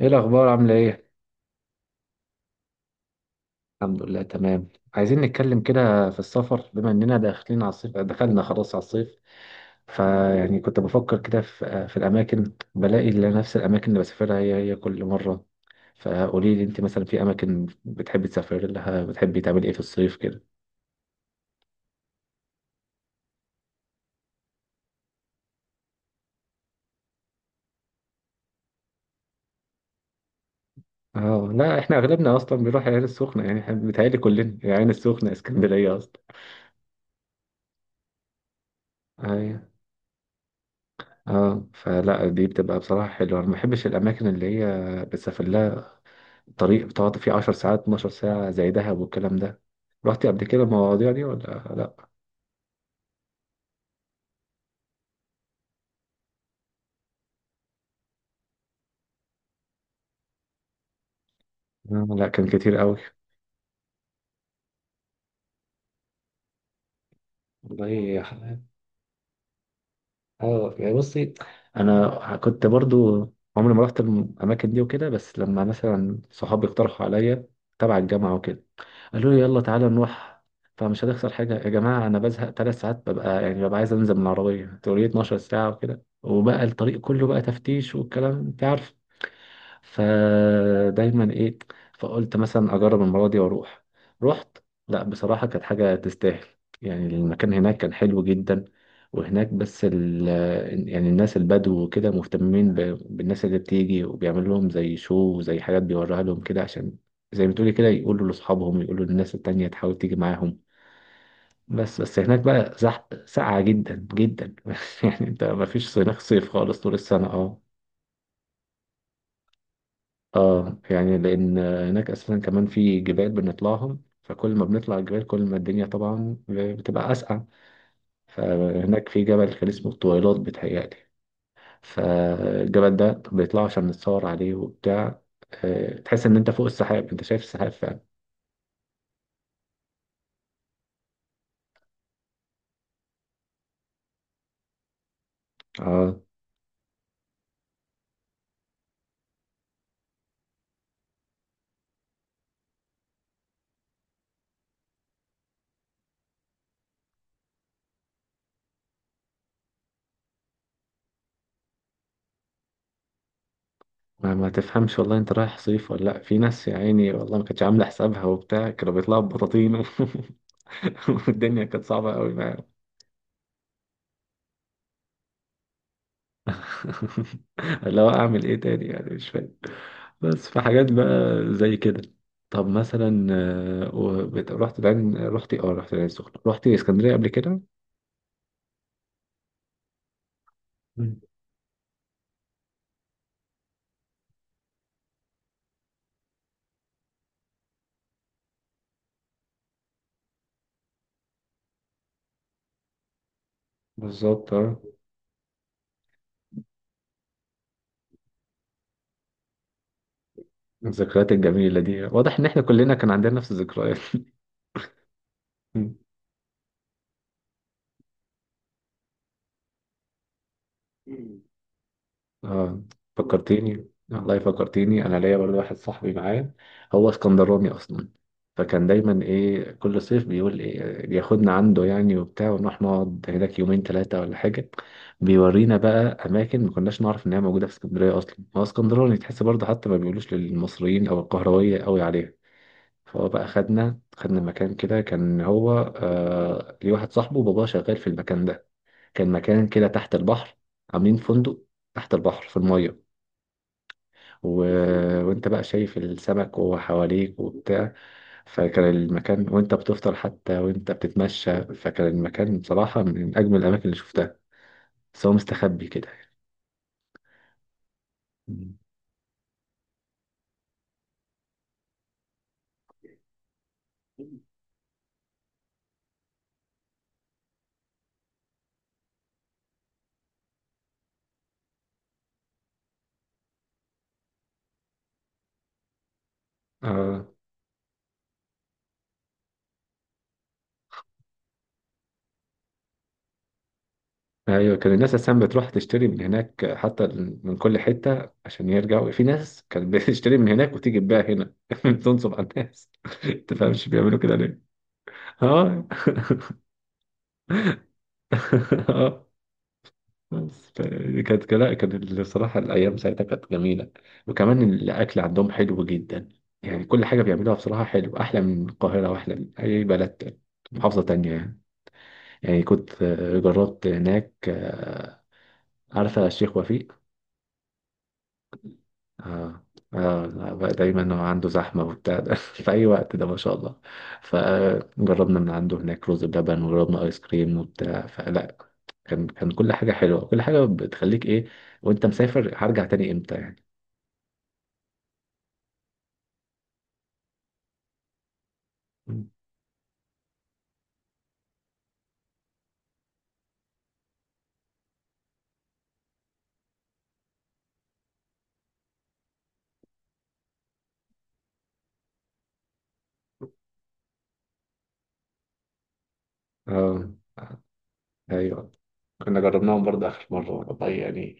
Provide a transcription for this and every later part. ايه الاخبار؟ عامله ايه؟ الحمد لله تمام. عايزين نتكلم كده في السفر، بما اننا داخلين على الصيف، دخلنا خلاص على الصيف. فيعني كنت بفكر كده في الاماكن، بلاقي اللي نفس الاماكن اللي بسافرها هي كل مره. فقولي لي انت مثلا، في اماكن بتحبي تسافري لها؟ بتحبي تعملي ايه في الصيف كده؟ اه لا، احنا اغلبنا اصلا بنروح العين السخنه، يعني إحنا بيتهيألي كلنا العين السخنه اسكندريه اصلا. ايوه، اه. فلا دي بتبقى بصراحه حلوه، انا ما بحبش الاماكن اللي هي بتسافر لها الطريق بتقعد فيه 10 ساعات، 12 ساعة، زي دهب والكلام ده. رحتي قبل كده المواضيع دي ولا لا؟ لا، كان كتير قوي. والله يا حلال. اه يعني بصي، انا كنت برضو عمري ما رحت الاماكن دي وكده، بس لما مثلا صحابي اقترحوا عليا، تبع الجامعة وكده، قالوا لي يلا تعالى نروح، فمش هتخسر حاجة يا جماعة. أنا بزهق تلات ساعات، ببقى يعني ببقى عايز أنزل من العربية، تقولي 12 ساعة وكده؟ وبقى الطريق كله بقى تفتيش والكلام، أنت عارف. فدايما ايه، فقلت مثلا اجرب المره دي واروح. رحت، لا بصراحه كانت حاجه تستاهل. يعني المكان هناك كان حلو جدا. وهناك بس ال، يعني الناس البدو وكده مهتمين بالناس اللي بتيجي، وبيعمل لهم زي شو وزي حاجات، بيوريها لهم كده، عشان زي ما تقولي كده يقولوا لاصحابهم، يقولوا للناس التانية تحاول تيجي معاهم. بس هناك بقى زحمة ساقعة جدا جدا. يعني انت ما فيش هناك صيف خالص طول السنة. اه اه، يعني لان هناك اساسا كمان في جبال بنطلعهم، فكل ما بنطلع الجبال كل ما الدنيا طبعا بتبقى اسقع. فهناك في جبل كان اسمه الطويلات بتهيألي. فالجبل ده بيطلعوا عشان نتصور عليه وبتاع. تحس ان انت فوق السحاب، انت شايف السحاب فعلا. اه، ما تفهمش والله انت رايح صيف ولا لا. في ناس يا عيني والله ما كانتش عامله حسابها وبتاع، كانوا بيطلعوا ببطاطين. والدنيا كانت صعبه قوي. اللي هو اعمل ايه تاني يعني، مش فاهم. بس في حاجات بقى زي كده. طب مثلا، رحت العين، رحت إيه؟ اه رحت العين السخنة، رحت اسكندرية قبل كده. مم. بالظبط اه. الذكريات الجميلة دي، واضح ان احنا كلنا كان عندنا نفس الذكريات. مم. اه، فكرتيني والله، فكرتيني. انا ليا برضه واحد صاحبي معايا، هو اسكندراني اصلا، فكان دايما ايه كل صيف بيقول ايه، بياخدنا عنده يعني وبتاع، ونروح نقعد هناك يومين ثلاثه ولا حاجه. بيورينا بقى اماكن ما كناش نعرف ان هي موجوده في اسكندريه اصلا، هو اسكندراني تحس برضه حتى ما بيقولوش للمصريين او القهرويه قوي عليها. فهو بقى خدنا، مكان كده كان هو، آه ليه، واحد صاحبه باباه شغال في المكان ده. كان مكان كده تحت البحر، عاملين فندق تحت البحر في الميه. و... وانت بقى شايف السمك وهو حواليك وبتاع. فكان المكان وانت بتفطر حتى، وانت بتتمشى، فكان المكان بصراحة من أجمل الأماكن اللي شفتها. بس هو مستخبي كده يعني. آه. أيوة، كان الناس أساسا بتروح تشتري من هناك حتى، من كل حتة، عشان يرجعوا. في ناس كانت بتشتري من هناك وتيجي تبيع هنا، تنصب على الناس. تفهمش بيعملوا كده ليه؟ اه. اه. بس كانت، لا كانت، الصراحة الأيام ساعتها كانت جميلة. وكمان الأكل عندهم حلو جدا. يعني كل حاجة بيعملوها بصراحة حلو، أحلى من القاهرة وأحلى من أي بلد تاني، محافظة تانية يعني. يعني كنت جربت هناك، آه، عارفة الشيخ وفيق؟ اه. اه لا، بقى دايما هو عنده زحمة وبتاع ده، في أي وقت ده ما شاء الله. فجربنا من عنده هناك رز بلبن، وجربنا آيس كريم وبتاع، فلا كان، كل حاجة حلوة. كل حاجة بتخليك إيه، وأنت مسافر، هرجع تاني إمتى يعني. اه أيوه. كنا جربناهم برضه آخر مرة والله يعني،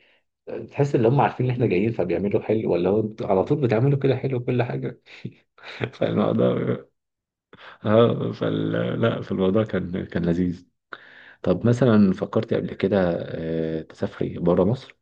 تحس إن هم عارفين إن إحنا جايين فبيعملوا حلو، ولا هو أنتوا على طول بتعملوا كده حلو كل حاجة. فالموضوع، اه فال، لا فالموضوع كان، لذيذ. طب مثلا، فكرتي قبل كده تسافري بره مصر؟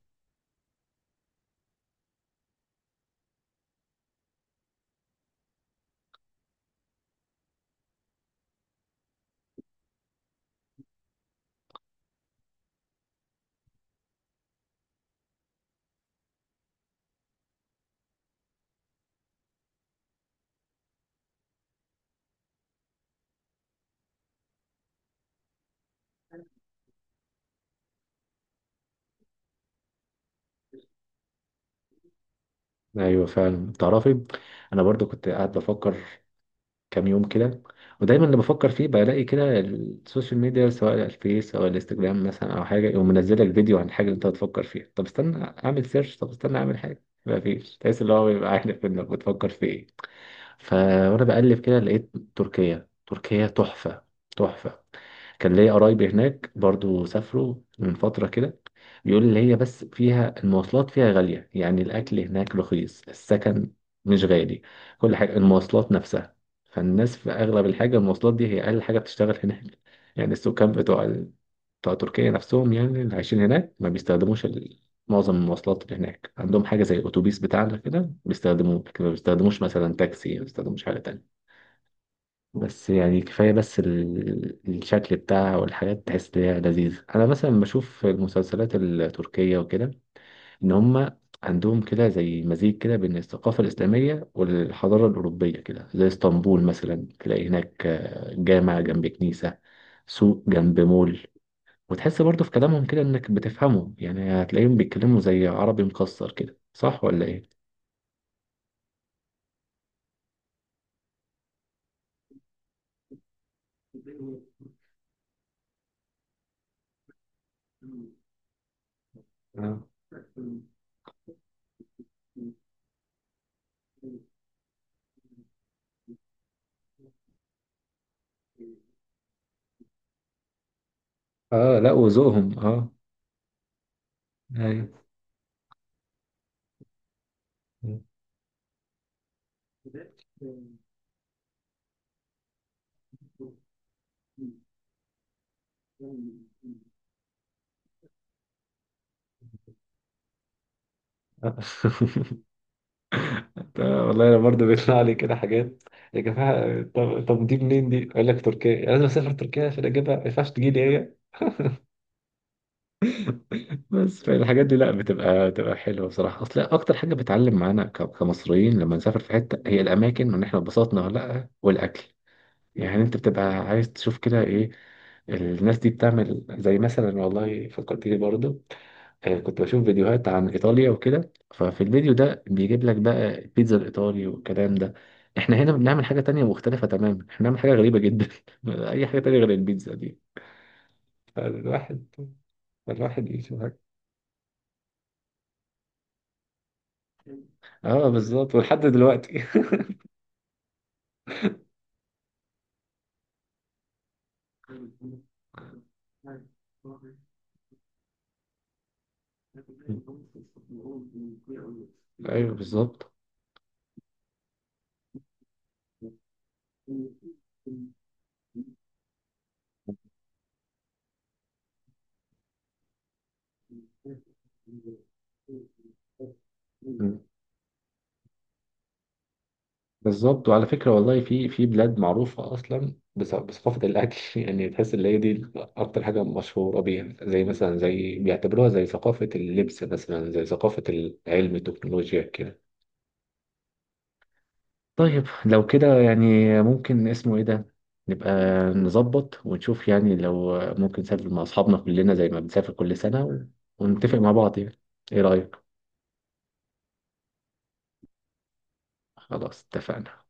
ايوه فعلا تعرفي، انا برضو كنت قاعد بفكر كام يوم كده. ودايما اللي بفكر فيه بلاقي كده السوشيال ميديا، سواء الفيس او الانستجرام مثلا، او حاجه، يقوم منزل لك فيديو عن حاجه انت هتفكر فيها. طب استنى اعمل سيرش، طب استنى اعمل حاجه، ما فيش. تحس اللي هو بيبقى عارف انك بتفكر في ايه. فوانا بقلب كده لقيت تركيا. تركيا تحفة، تحفة. كان ليا قرايبي هناك برضو، سافروا من فترة كده. بيقول لي هي بس فيها المواصلات فيها غالية، يعني الأكل هناك رخيص، السكن مش غالي، كل حاجة. المواصلات نفسها، فالناس في أغلب الحاجة المواصلات دي هي أقل حاجة بتشتغل هناك. يعني السكان بتوع، تركيا نفسهم، يعني اللي عايشين هناك، ما بيستخدموش معظم المواصلات اللي هناك. عندهم حاجة زي الأتوبيس بتاعنا كده بيستخدموه، لكن ما بيستخدموش مثلا تاكسي، ما بيستخدموش حاجة تانية. بس يعني كفاية بس الشكل بتاعها والحاجات، تحس إن هي لذيذة. أنا مثلا بشوف المسلسلات التركية وكده، إن هما عندهم كده زي مزيج كده بين الثقافة الإسلامية والحضارة الأوروبية كده، زي اسطنبول مثلا، تلاقي هناك جامع جنب كنيسة، سوق جنب مول. وتحس برضه في كلامهم كده انك بتفهمه، يعني هتلاقيهم بيتكلموا زي عربي مكسر كده، صح ولا ايه؟ اه. اه لا وذوقهم، اه. ايوه. والله انا برضه بيطلع لي كده حاجات. يا جماعه، طب دي منين دي؟ اقول لك تركيا، لازم اسافر تركيا عشان اجيبها، ما ينفعش تجي لي. بس فالحاجات دي، لا بتبقى، حلوه بصراحه. اصل اكتر حاجه بتعلم معانا كمصريين لما نسافر في حته، هي الاماكن، وان احنا اتبسطنا ولا لا، والاكل. يعني انت بتبقى عايز تشوف كده ايه الناس دي بتعمل، زي مثلا، والله فكرت لي برضه، كنت بشوف فيديوهات عن ايطاليا وكده، ففي الفيديو ده بيجيب لك بقى البيتزا الايطالي والكلام ده، احنا هنا بنعمل حاجه تانية مختلفه تماما، احنا بنعمل حاجه غريبه جدا. اي حاجه تانية غير البيتزا دي. فالواحد، الواحد يشوف. اه بالظبط ولحد دلوقتي. ايوه بالظبط. مم. بالظبط، وعلى فكره والله، في في بلاد معروفه اصلا بثقافه الاكل. يعني تحس ان هي دي اكتر حاجه مشهوره بيها، زي مثلا، زي بيعتبروها زي ثقافه اللبس مثلا، زي ثقافه العلم، التكنولوجيا كده. طيب لو كده يعني، ممكن اسمه ايه ده، نبقى نظبط ونشوف، يعني لو ممكن نسافر مع اصحابنا كلنا زي ما بنسافر كل سنة، ونتفق مع بعض يعني. ايه رأيك؟ خلاص اتفقنا.